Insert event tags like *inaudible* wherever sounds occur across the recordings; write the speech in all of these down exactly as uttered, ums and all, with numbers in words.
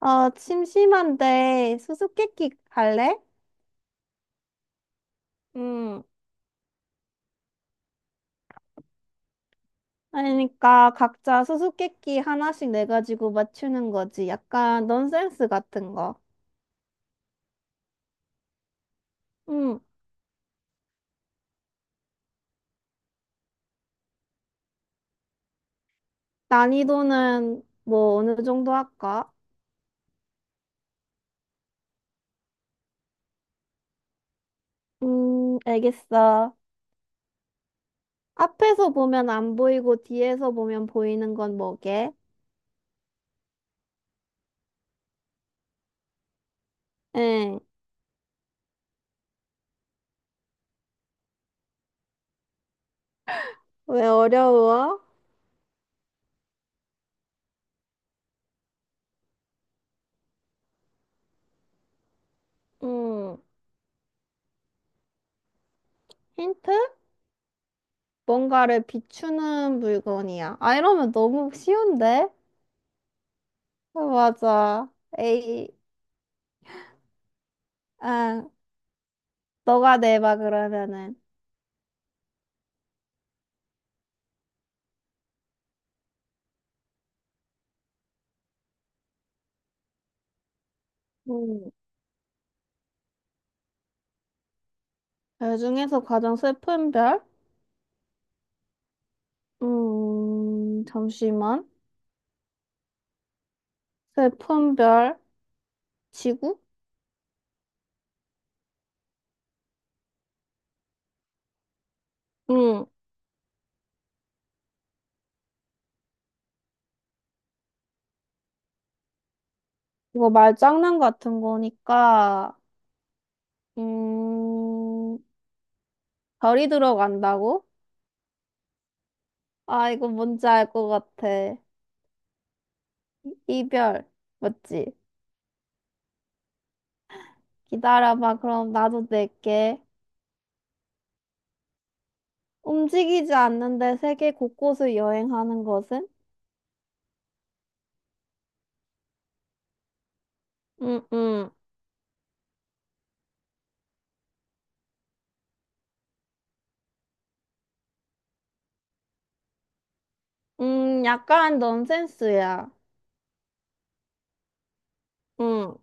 어, 심심한데 수수께끼 할래? 음, 그러니까 각자 수수께끼 하나씩 내가지고 맞추는 거지. 약간 넌센스 같은 거. 음, 난이도는 뭐 어느 정도 할까? 음, 알겠어. 앞에서 보면 안 보이고 뒤에서 보면 보이는 건 뭐게? 응. 왜 어려워? 음. 힌트? 뭔가를 비추는 물건이야. 아, 이러면 너무 쉬운데? 아, 맞아. 에이, 아, 너가 내봐, 그러면은. 음. 그 중에서 가장 슬픈 별? 음, 잠시만. 슬픈 별, 지구? 응. 이거 말장난 같은 거니까, 음, 별이 들어간다고? 아, 이거 뭔지 알 것 같아. 이별, 맞지? 기다려봐, 그럼 나도 낼게. 움직이지 않는데 세계 곳곳을 여행하는 것은? 응응. 음, 약간 넌센스야. 응,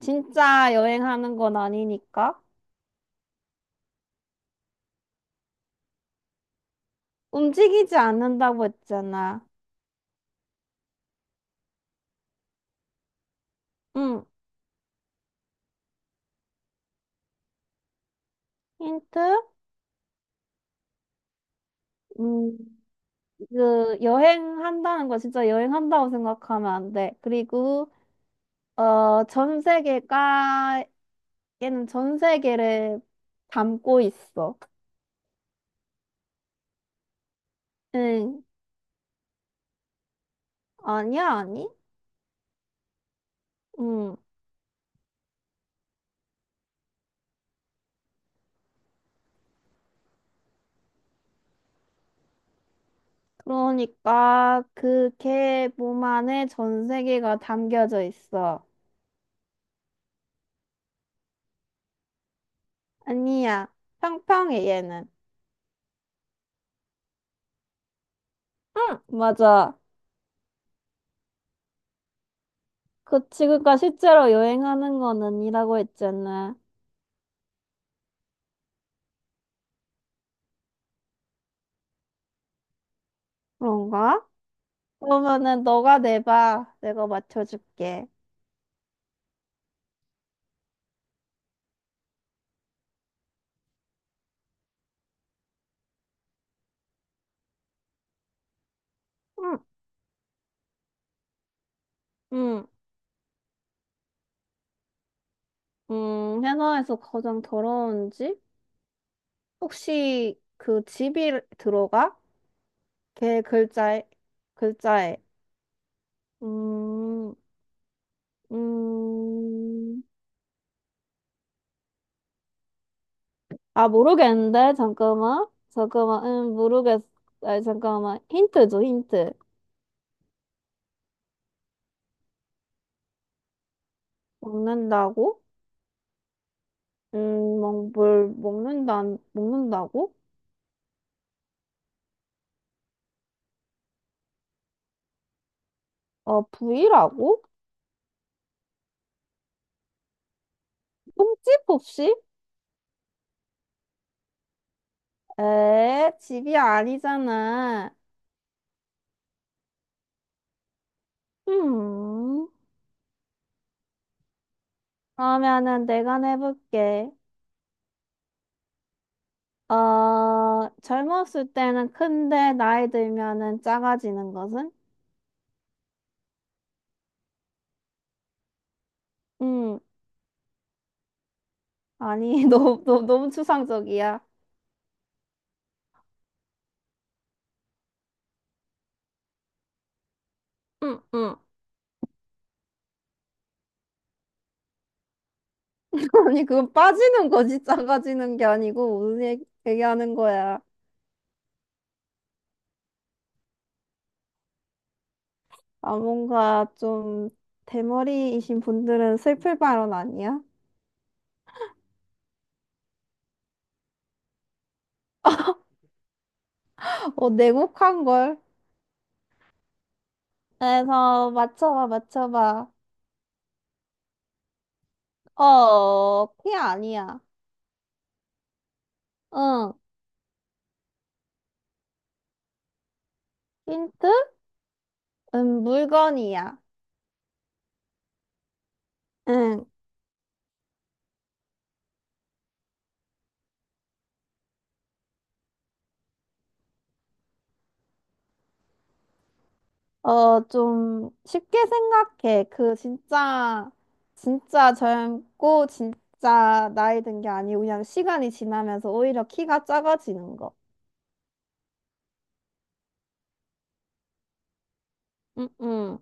진짜 여행하는 건 아니니까. 움직이지 않는다고 했잖아. 응. 힌트? 음, 그, 여행한다는 거 진짜 여행한다고 생각하면 안 돼. 그리고, 어, 전 세계가, 얘는 전 세계를 담고 있어. 응, 아니야, 아니? 응, 그러니까, 그, 개 몸 안에 전 세계가 담겨져 있어. 아니야. 평평해, 얘는. 응, 맞아. 그 지구가 실제로 여행하는 건 아니라고 했잖아. 그런가? 그러면은 너가 내봐. 내가 맞춰줄게. 응, 응. 음, 해나에서 가장 더러운 집? 혹시 그 집이 들어가? 걔 글자에, 글자에. 음, 음. 아, 모르겠는데? 잠깐만. 잠깐만. 음, 모르겠. 아, 잠깐만. 힌트 줘, 힌트. 먹는다고? 음, 먹, 뭘 먹는다, 먹는다고? 어, 부위라고? 흠집 혹시? 에, 집이 아니잖아. 음, 그러면은 내가 내볼게. 어, 젊었을 때는 큰데 나이 들면은 작아지는 것은? 음, 아니, *laughs* 너무, 너무, 너무 추상적이야. 음, 음. *laughs* 아니, 그건 빠지는 거지, 작아지는 게 아니고, 무슨 얘기, 얘기하는 거야. 아, 뭔가 좀 대머리이신 분들은 슬플 발언 아니야? 어, 내곡한 걸. 그래서 맞춰봐, 맞춰봐. 어, 피 아니야. 응. 힌트? 음, 물건이야. 응. 어, 좀 쉽게 생각해. 그 진짜 진짜 젊고 진짜 나이 든 게 아니고 그냥 시간이 지나면서 오히려 키가 작아지는 거. 응, 응.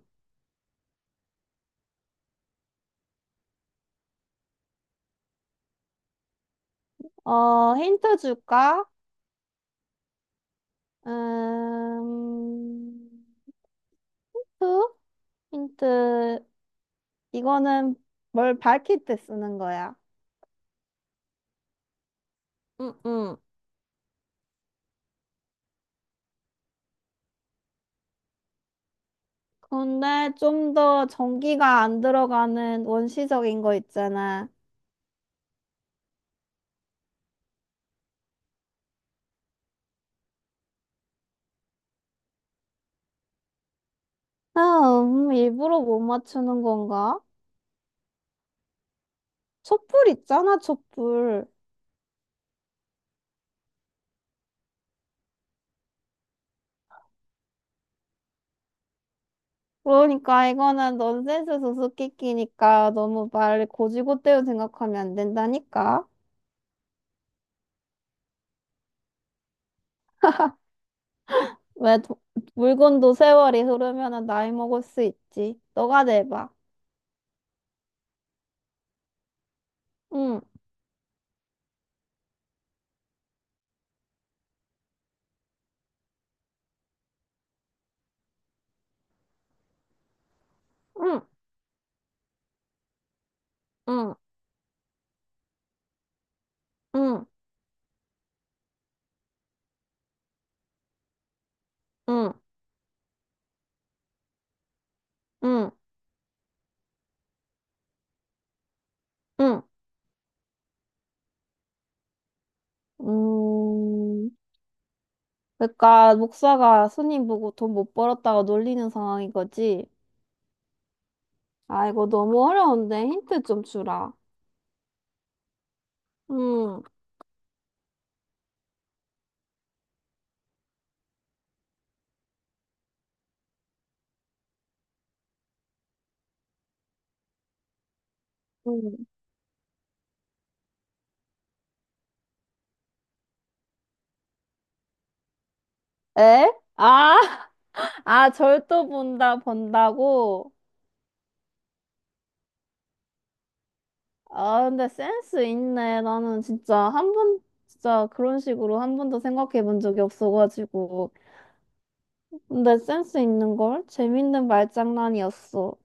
어, 힌트 줄까? 음, 투? 힌트. 이거는 뭘 밝힐 때 쓰는 거야. 응, 응. 근데 좀 더 전기가 안 들어가는 원시적인 거 있잖아. 아, 음, 일부러 못 맞추는 건가? 촛불 있잖아, 촛불. 그러니까 이거는 넌센스 수수께끼니까 너무 말 고지고대로 생각하면 안 된다니까. 왜 도- 물건도 세월이 흐르면 나이 먹을 수 있지. 너가 내봐. 응, 응, 응, 응, 응, 응, 응. 음, 그러니까 목사가 스님 보고 돈 못 벌었다고 놀리는 상황인 거지. 아, 이거 너무 어려운데 힌트 좀 주라. 응, 응. 에? 아, *laughs* 아, 절도 본다, 본다고? 아, 근데 센스 있네. 나는 진짜 한 번, 진짜 그런 식으로 한 번도 생각해 본 적이 없어가지고. 근데 센스 있는 걸? 재밌는 말장난이었어.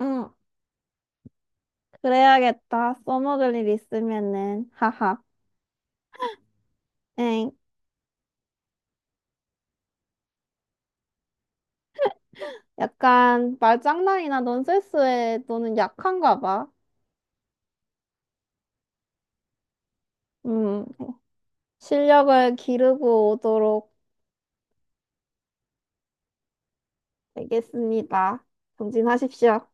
응, 그래야겠다. 써먹을 일 있으면은. 하하. 엥. 약간 말장난이나 넌센스에 너는 약한가 봐. 음. 실력을 기르고 오도록 알겠습니다. 정진하십시오.